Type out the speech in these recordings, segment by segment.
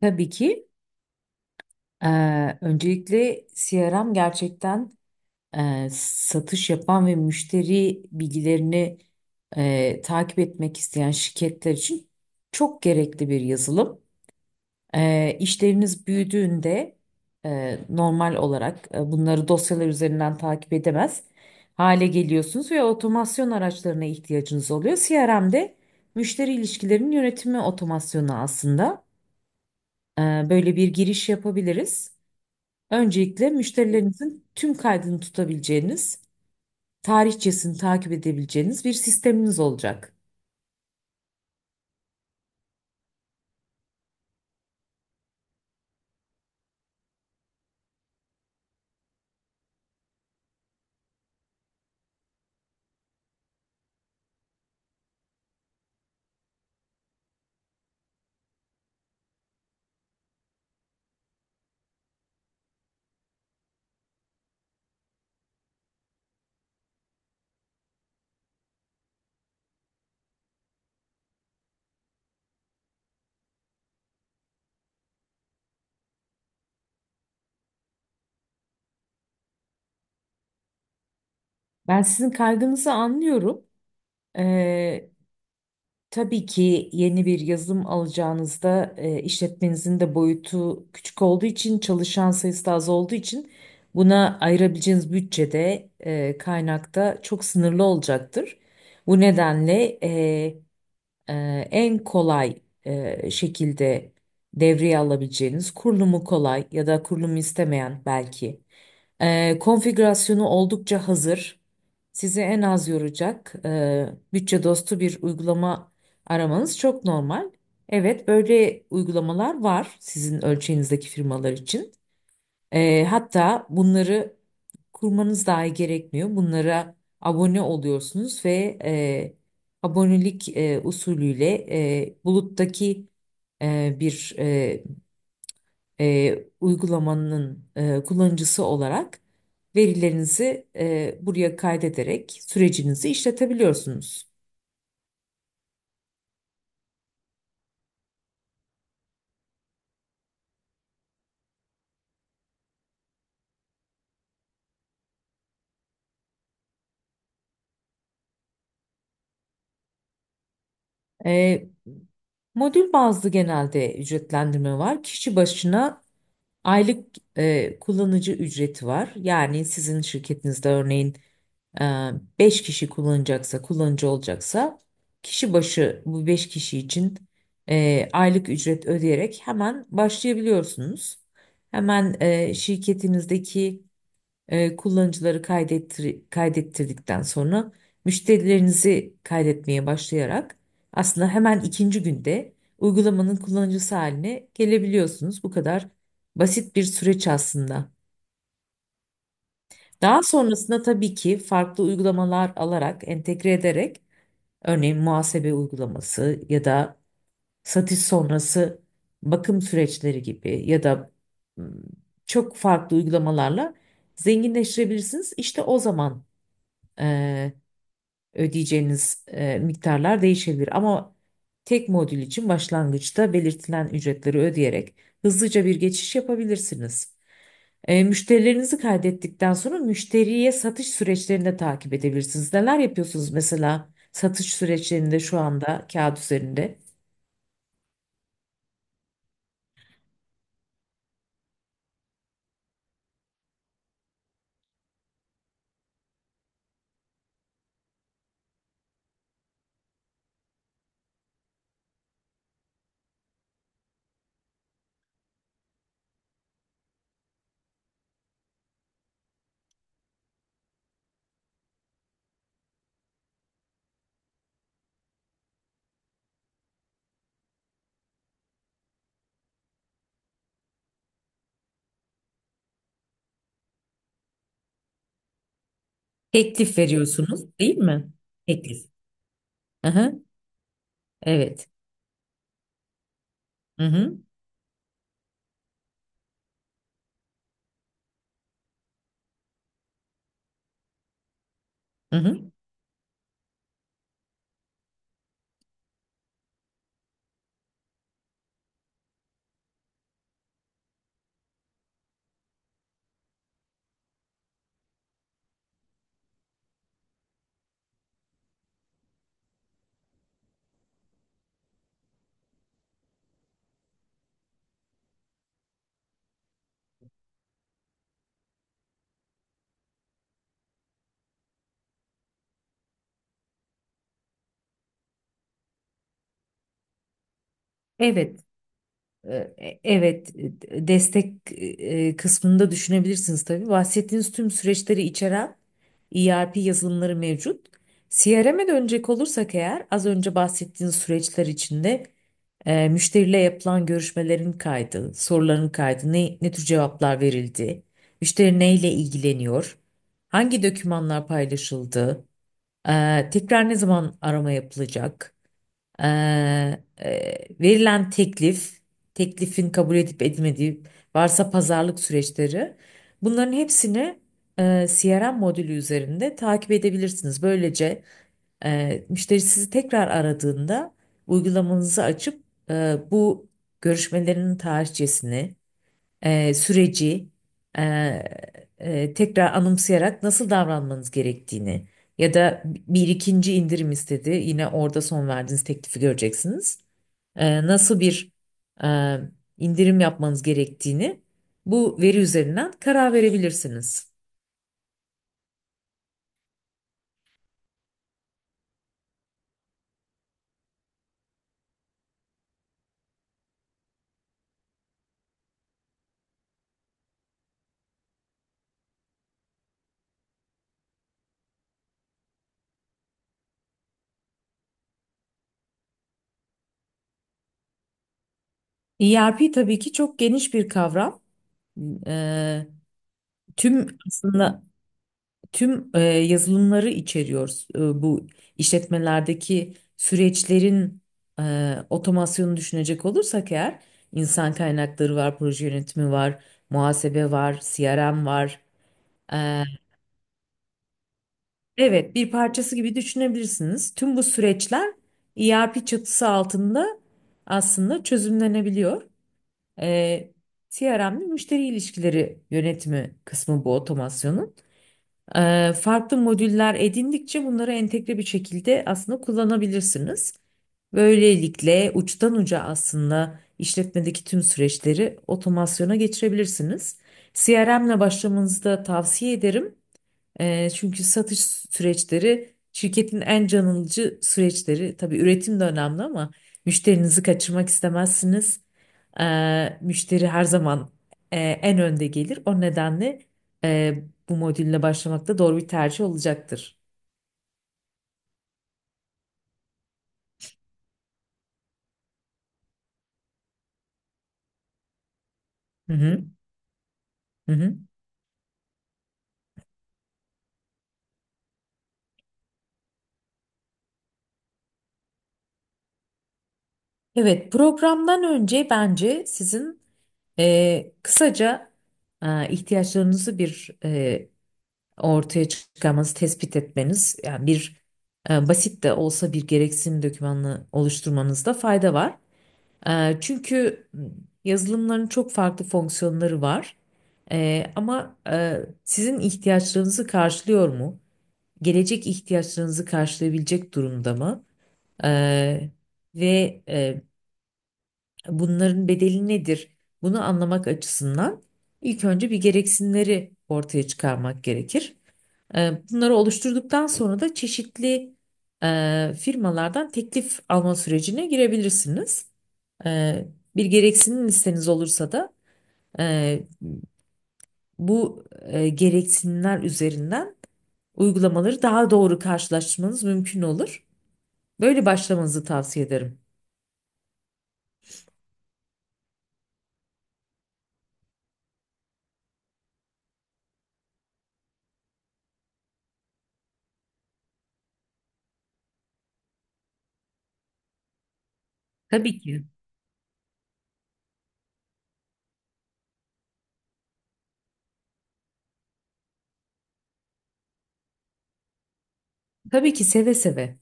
Tabii ki. Öncelikle CRM gerçekten satış yapan ve müşteri bilgilerini takip etmek isteyen şirketler için çok gerekli bir yazılım. İşleriniz büyüdüğünde normal olarak bunları dosyalar üzerinden takip edemez hale geliyorsunuz ve otomasyon araçlarına ihtiyacınız oluyor. CRM'de müşteri ilişkilerinin yönetimi otomasyonu aslında. Böyle bir giriş yapabiliriz. Öncelikle müşterilerinizin tüm kaydını tutabileceğiniz, tarihçesini takip edebileceğiniz bir sisteminiz olacak. Ben sizin kaygınızı anlıyorum. Ee, tabii ki yeni bir yazılım alacağınızda işletmenizin de boyutu küçük olduğu için, çalışan sayısı da az olduğu için buna ayırabileceğiniz bütçede, kaynakta çok sınırlı olacaktır. Bu nedenle en kolay şekilde devreye alabileceğiniz kurulumu kolay ya da kurulumu istemeyen belki. Konfigürasyonu oldukça hazır. Sizi en az yoracak bütçe dostu bir uygulama aramanız çok normal. Evet, böyle uygulamalar var sizin ölçeğinizdeki firmalar için. Hatta bunları kurmanız dahi gerekmiyor. Bunlara abone oluyorsunuz ve abonelik usulüyle buluttaki bir uygulamanın kullanıcısı olarak verilerinizi buraya kaydederek sürecinizi işletebiliyorsunuz. Modül bazlı genelde ücretlendirme var. Kişi başına aylık kullanıcı ücreti var. Yani sizin şirketinizde örneğin e, 5 kişi kullanacaksa, kullanıcı olacaksa kişi başı bu 5 kişi için aylık ücret ödeyerek hemen başlayabiliyorsunuz. Hemen şirketinizdeki kullanıcıları kaydettirdikten sonra müşterilerinizi kaydetmeye başlayarak aslında hemen ikinci günde uygulamanın kullanıcısı haline gelebiliyorsunuz. Bu kadar basit bir süreç aslında. Daha sonrasında tabii ki farklı uygulamalar alarak, entegre ederek örneğin muhasebe uygulaması ya da satış sonrası bakım süreçleri gibi ya da ım, çok farklı uygulamalarla zenginleştirebilirsiniz. İşte o zaman e, ödeyeceğiniz miktarlar değişebilir. Ama tek modül için başlangıçta belirtilen ücretleri ödeyerek hızlıca bir geçiş yapabilirsiniz. Müşterilerinizi kaydettikten sonra müşteriye satış süreçlerini de takip edebilirsiniz. Neler yapıyorsunuz mesela satış süreçlerinde şu anda kağıt üzerinde? Teklif veriyorsunuz, değil mi? Teklif. Aha, evet. Hı hı. Hı hı. Evet. Evet, destek kısmında düşünebilirsiniz tabii. Bahsettiğiniz tüm süreçleri içeren ERP yazılımları mevcut. CRM'e dönecek olursak eğer az önce bahsettiğiniz süreçler içinde müşteriyle yapılan görüşmelerin kaydı, soruların kaydı, ne tür cevaplar verildi, müşteri neyle ilgileniyor, hangi dokümanlar paylaşıldı, tekrar ne zaman arama yapılacak, ee, verilen teklif, teklifin kabul edip edilmediği, varsa pazarlık süreçleri, bunların hepsini CRM modülü üzerinde takip edebilirsiniz. Böylece müşteri sizi tekrar aradığında uygulamanızı açıp bu görüşmelerin tarihçesini, süreci e, tekrar anımsayarak nasıl davranmanız gerektiğini ya da bir ikinci indirim istedi. Yine orada son verdiğiniz teklifi göreceksiniz. Nasıl bir e, indirim yapmanız gerektiğini bu veri üzerinden karar verebilirsiniz. ERP tabii ki çok geniş bir kavram. E, tüm aslında Tüm yazılımları içeriyoruz. Bu işletmelerdeki süreçlerin otomasyonunu düşünecek olursak eğer insan kaynakları var, proje yönetimi var, muhasebe var, CRM var. E, evet, bir parçası gibi düşünebilirsiniz. Tüm bu süreçler ERP çatısı altında aslında çözümlenebiliyor. E, CRM'li müşteri ilişkileri yönetimi kısmı bu otomasyonun. Farklı modüller edindikçe bunları entegre bir şekilde aslında kullanabilirsiniz. Böylelikle uçtan uca aslında işletmedeki tüm süreçleri otomasyona geçirebilirsiniz. CRM ile başlamanızı da tavsiye ederim. Çünkü satış süreçleri şirketin en canlıcı süreçleri. Tabii üretim de önemli ama müşterinizi kaçırmak istemezsiniz. Müşteri her zaman en önde gelir. O nedenle bu modülle başlamak da doğru bir tercih olacaktır. Hı hı, hı hı. Evet, programdan önce bence sizin kısaca ihtiyaçlarınızı bir ortaya çıkarmanız, tespit etmeniz, yani bir basit de olsa bir gereksinim dokümanını oluşturmanızda fayda var. Çünkü yazılımların çok farklı fonksiyonları var. Ama sizin ihtiyaçlarınızı karşılıyor mu? Gelecek ihtiyaçlarınızı karşılayabilecek durumda mı? E, Ve bunların bedeli nedir? Bunu anlamak açısından ilk önce bir gereksinimleri ortaya çıkarmak gerekir. Bunları oluşturduktan sonra da çeşitli firmalardan teklif alma sürecine girebilirsiniz. E, Bir gereksinim listeniz olursa da e, bu gereksinimler üzerinden uygulamaları daha doğru karşılaştırmanız mümkün olur. Böyle başlamanızı tavsiye ederim. Tabii ki. Tabii ki seve seve.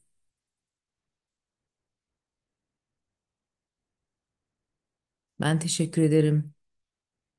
Ben teşekkür ederim.